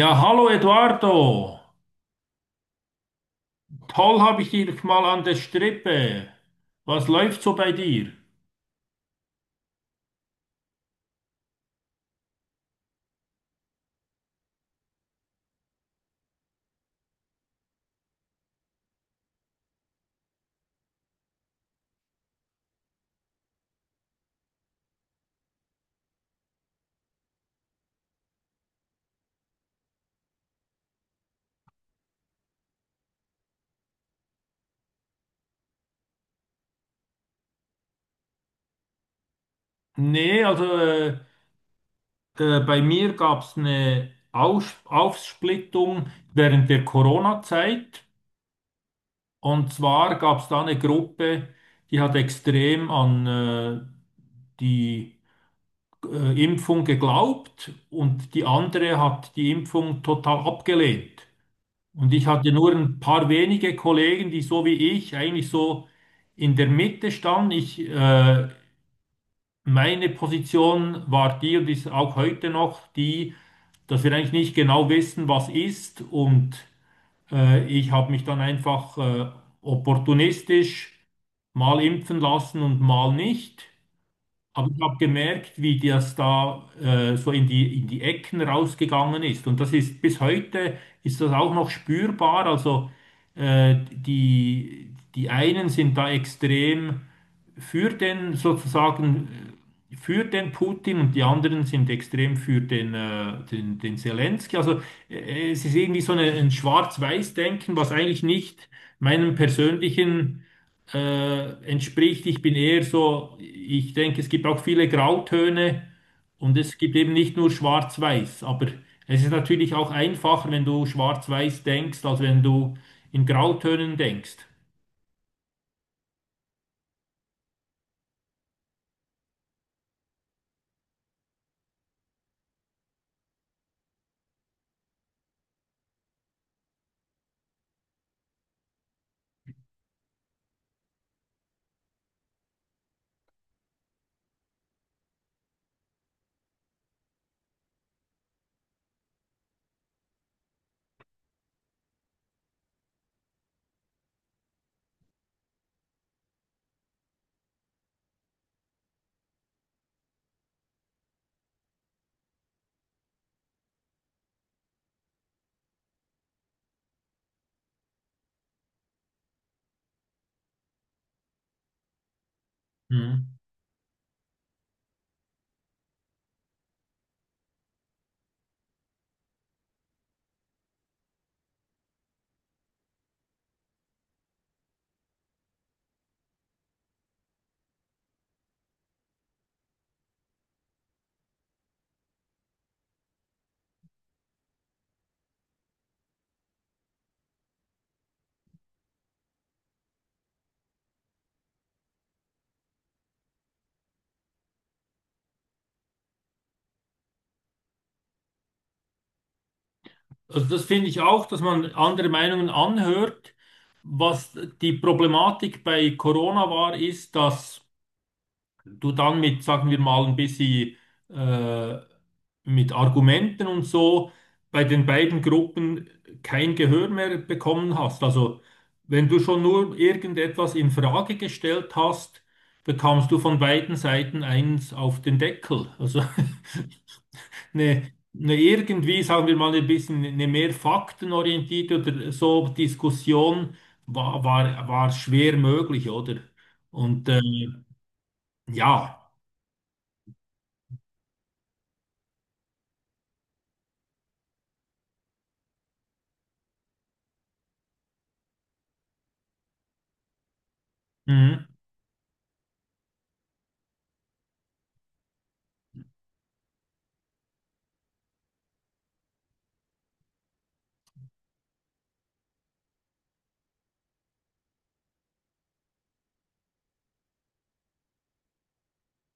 Ja, hallo Eduardo. Toll habe ich dich mal an der Strippe. Was läuft so bei dir? Nee, also da, bei mir gab es eine Aus Aufsplittung während der Corona-Zeit. Und zwar gab es da eine Gruppe, die hat extrem an die Impfung geglaubt und die andere hat die Impfung total abgelehnt. Und ich hatte nur ein paar wenige Kollegen, die so wie ich eigentlich so in der Mitte standen. Ich, meine Position war die und ist auch heute noch die, dass wir eigentlich nicht genau wissen, was ist. Und ich habe mich dann einfach opportunistisch mal impfen lassen und mal nicht. Aber ich habe gemerkt, wie das da so in die Ecken rausgegangen ist. Und das ist bis heute ist das auch noch spürbar. Also die, die einen sind da extrem für den sozusagen. äh, für den Putin und die anderen sind extrem für den, den Zelensky. Also es ist irgendwie so eine, ein Schwarz-Weiß-Denken, was eigentlich nicht meinem persönlichen entspricht. Ich bin eher so, ich denke, es gibt auch viele Grautöne und es gibt eben nicht nur Schwarz-Weiß. Aber es ist natürlich auch einfacher, wenn du Schwarz-Weiß denkst, als wenn du in Grautönen denkst. Mhm. Also das finde ich auch, dass man andere Meinungen anhört. Was die Problematik bei Corona war, ist, dass du dann mit, sagen wir mal, ein bisschen äh, mit Argumenten und so bei den beiden Gruppen kein Gehör mehr bekommen hast. Also wenn du schon nur irgendetwas in Frage gestellt hast, bekommst du von beiden Seiten eins auf den Deckel. Also eine, eine irgendwie, sagen wir mal, ein bisschen eine mehr faktenorientierte oder so Diskussion war schwer möglich, oder? Und ja. Mhm,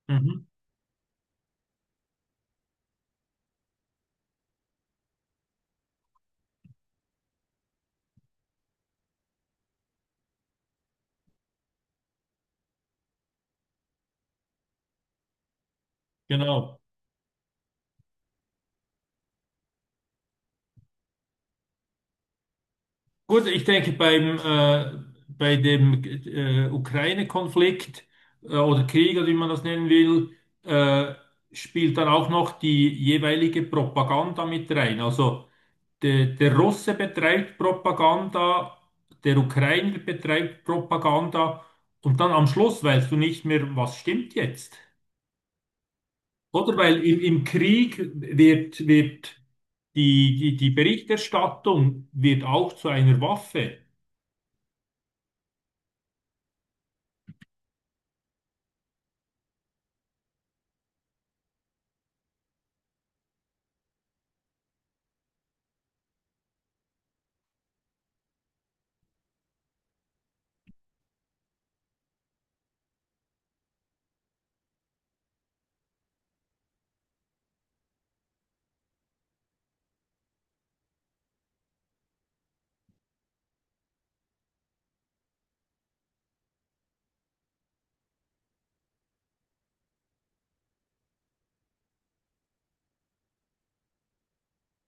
mhm, genau. Gut, ich denke, beim, bei dem Ukraine-Konflikt oder Krieg, oder wie man das nennen will, äh, spielt dann auch noch die jeweilige Propaganda mit rein. Also der, der Russe betreibt Propaganda, der Ukrainer betreibt Propaganda und dann am Schluss weißt du nicht mehr, was stimmt jetzt. Oder weil im, im Krieg wird die, die Berichterstattung wird auch zu einer Waffe.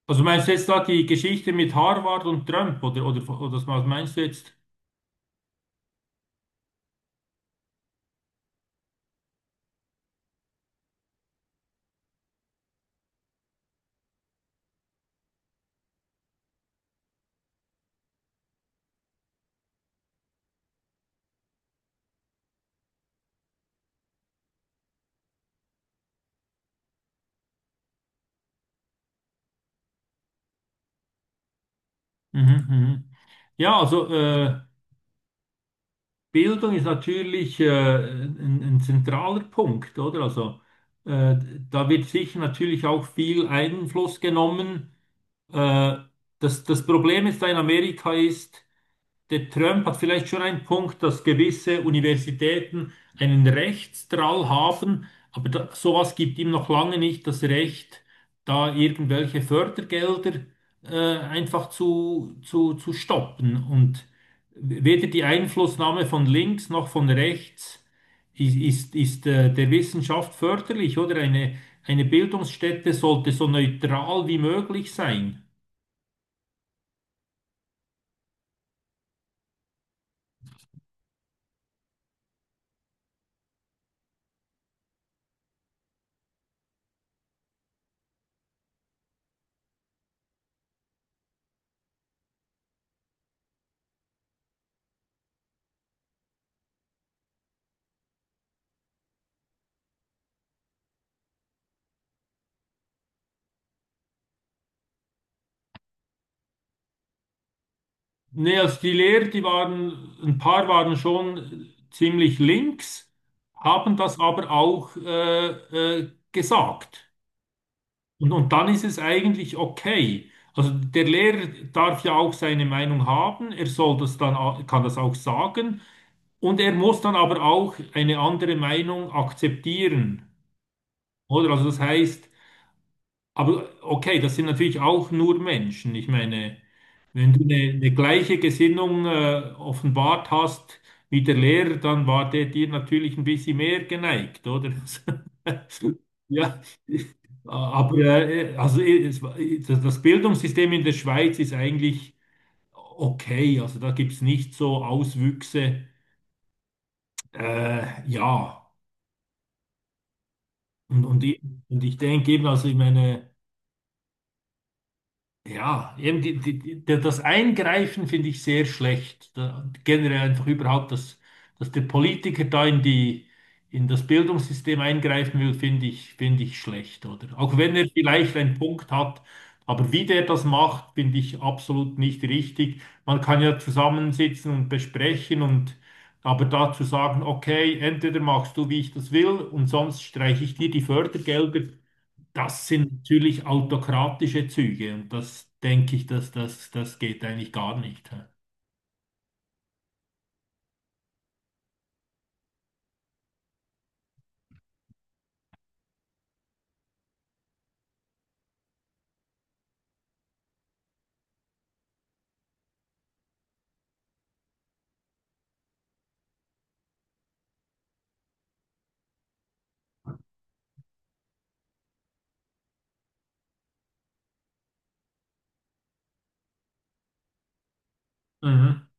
Also meinst du jetzt da die Geschichte mit Harvard und Trump oder, oder was meinst du jetzt? Mhm, mhm. Ja, also Bildung ist natürlich ein zentraler Punkt, oder? Also äh, da wird sicher natürlich auch viel Einfluss genommen. Äh, Das, das Problem ist da in Amerika ist, der Trump hat vielleicht schon einen Punkt, dass gewisse Universitäten einen Rechtsdrall haben, aber da, sowas gibt ihm noch lange nicht das Recht, da irgendwelche Fördergelder einfach zu, zu stoppen. Und weder die Einflussnahme von links noch von rechts ist der Wissenschaft förderlich, oder? Eine Bildungsstätte sollte so neutral wie möglich sein. Nee, also die Lehrer, die waren, ein paar waren schon ziemlich links, haben das aber auch gesagt. Und dann ist es eigentlich okay. Also der Lehrer darf ja auch seine Meinung haben, er soll das dann, au- kann das auch sagen und er muss dann aber auch eine andere Meinung akzeptieren. Oder also das heißt, aber okay, das sind natürlich auch nur Menschen. Ich meine, wenn du eine gleiche Gesinnung offenbart hast wie der Lehrer, dann war der dir natürlich ein bisschen mehr geneigt, oder? Ja, aber es, war- das das Bildungssystem in der Schweiz ist eigentlich okay. Also da gibt es nicht so Auswüchse. Ja, und, und, ich, und ich denke eben, also ich meine. Ja, eben das Eingreifen finde ich sehr schlecht. Da, generell einfach überhaupt, dass, dass der Politiker da in die, in das Bildungssystem eingreifen will, finde ich schlecht, oder? Auch wenn er vielleicht einen Punkt hat, aber wie der das macht, finde ich absolut nicht richtig. Man kann ja zusammensitzen und besprechen und aber dazu sagen, okay, entweder machst du, wie ich das will, und sonst streiche ich dir die Fördergelder. Das sind natürlich autokratische Züge und das denke ich, dass das geht eigentlich gar nicht. Hä? Mhm.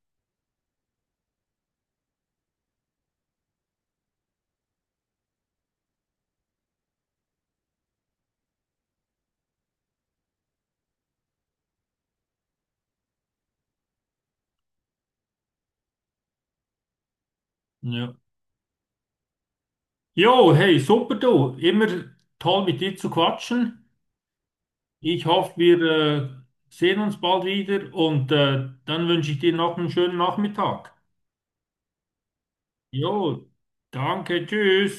Ja. Jo, hey, super du. Immer toll mit dir zu quatschen. Ich hoffe, wir sehen uns bald wieder und dann wünsche ich dir noch einen schönen Nachmittag. Jo, danke, tschüss.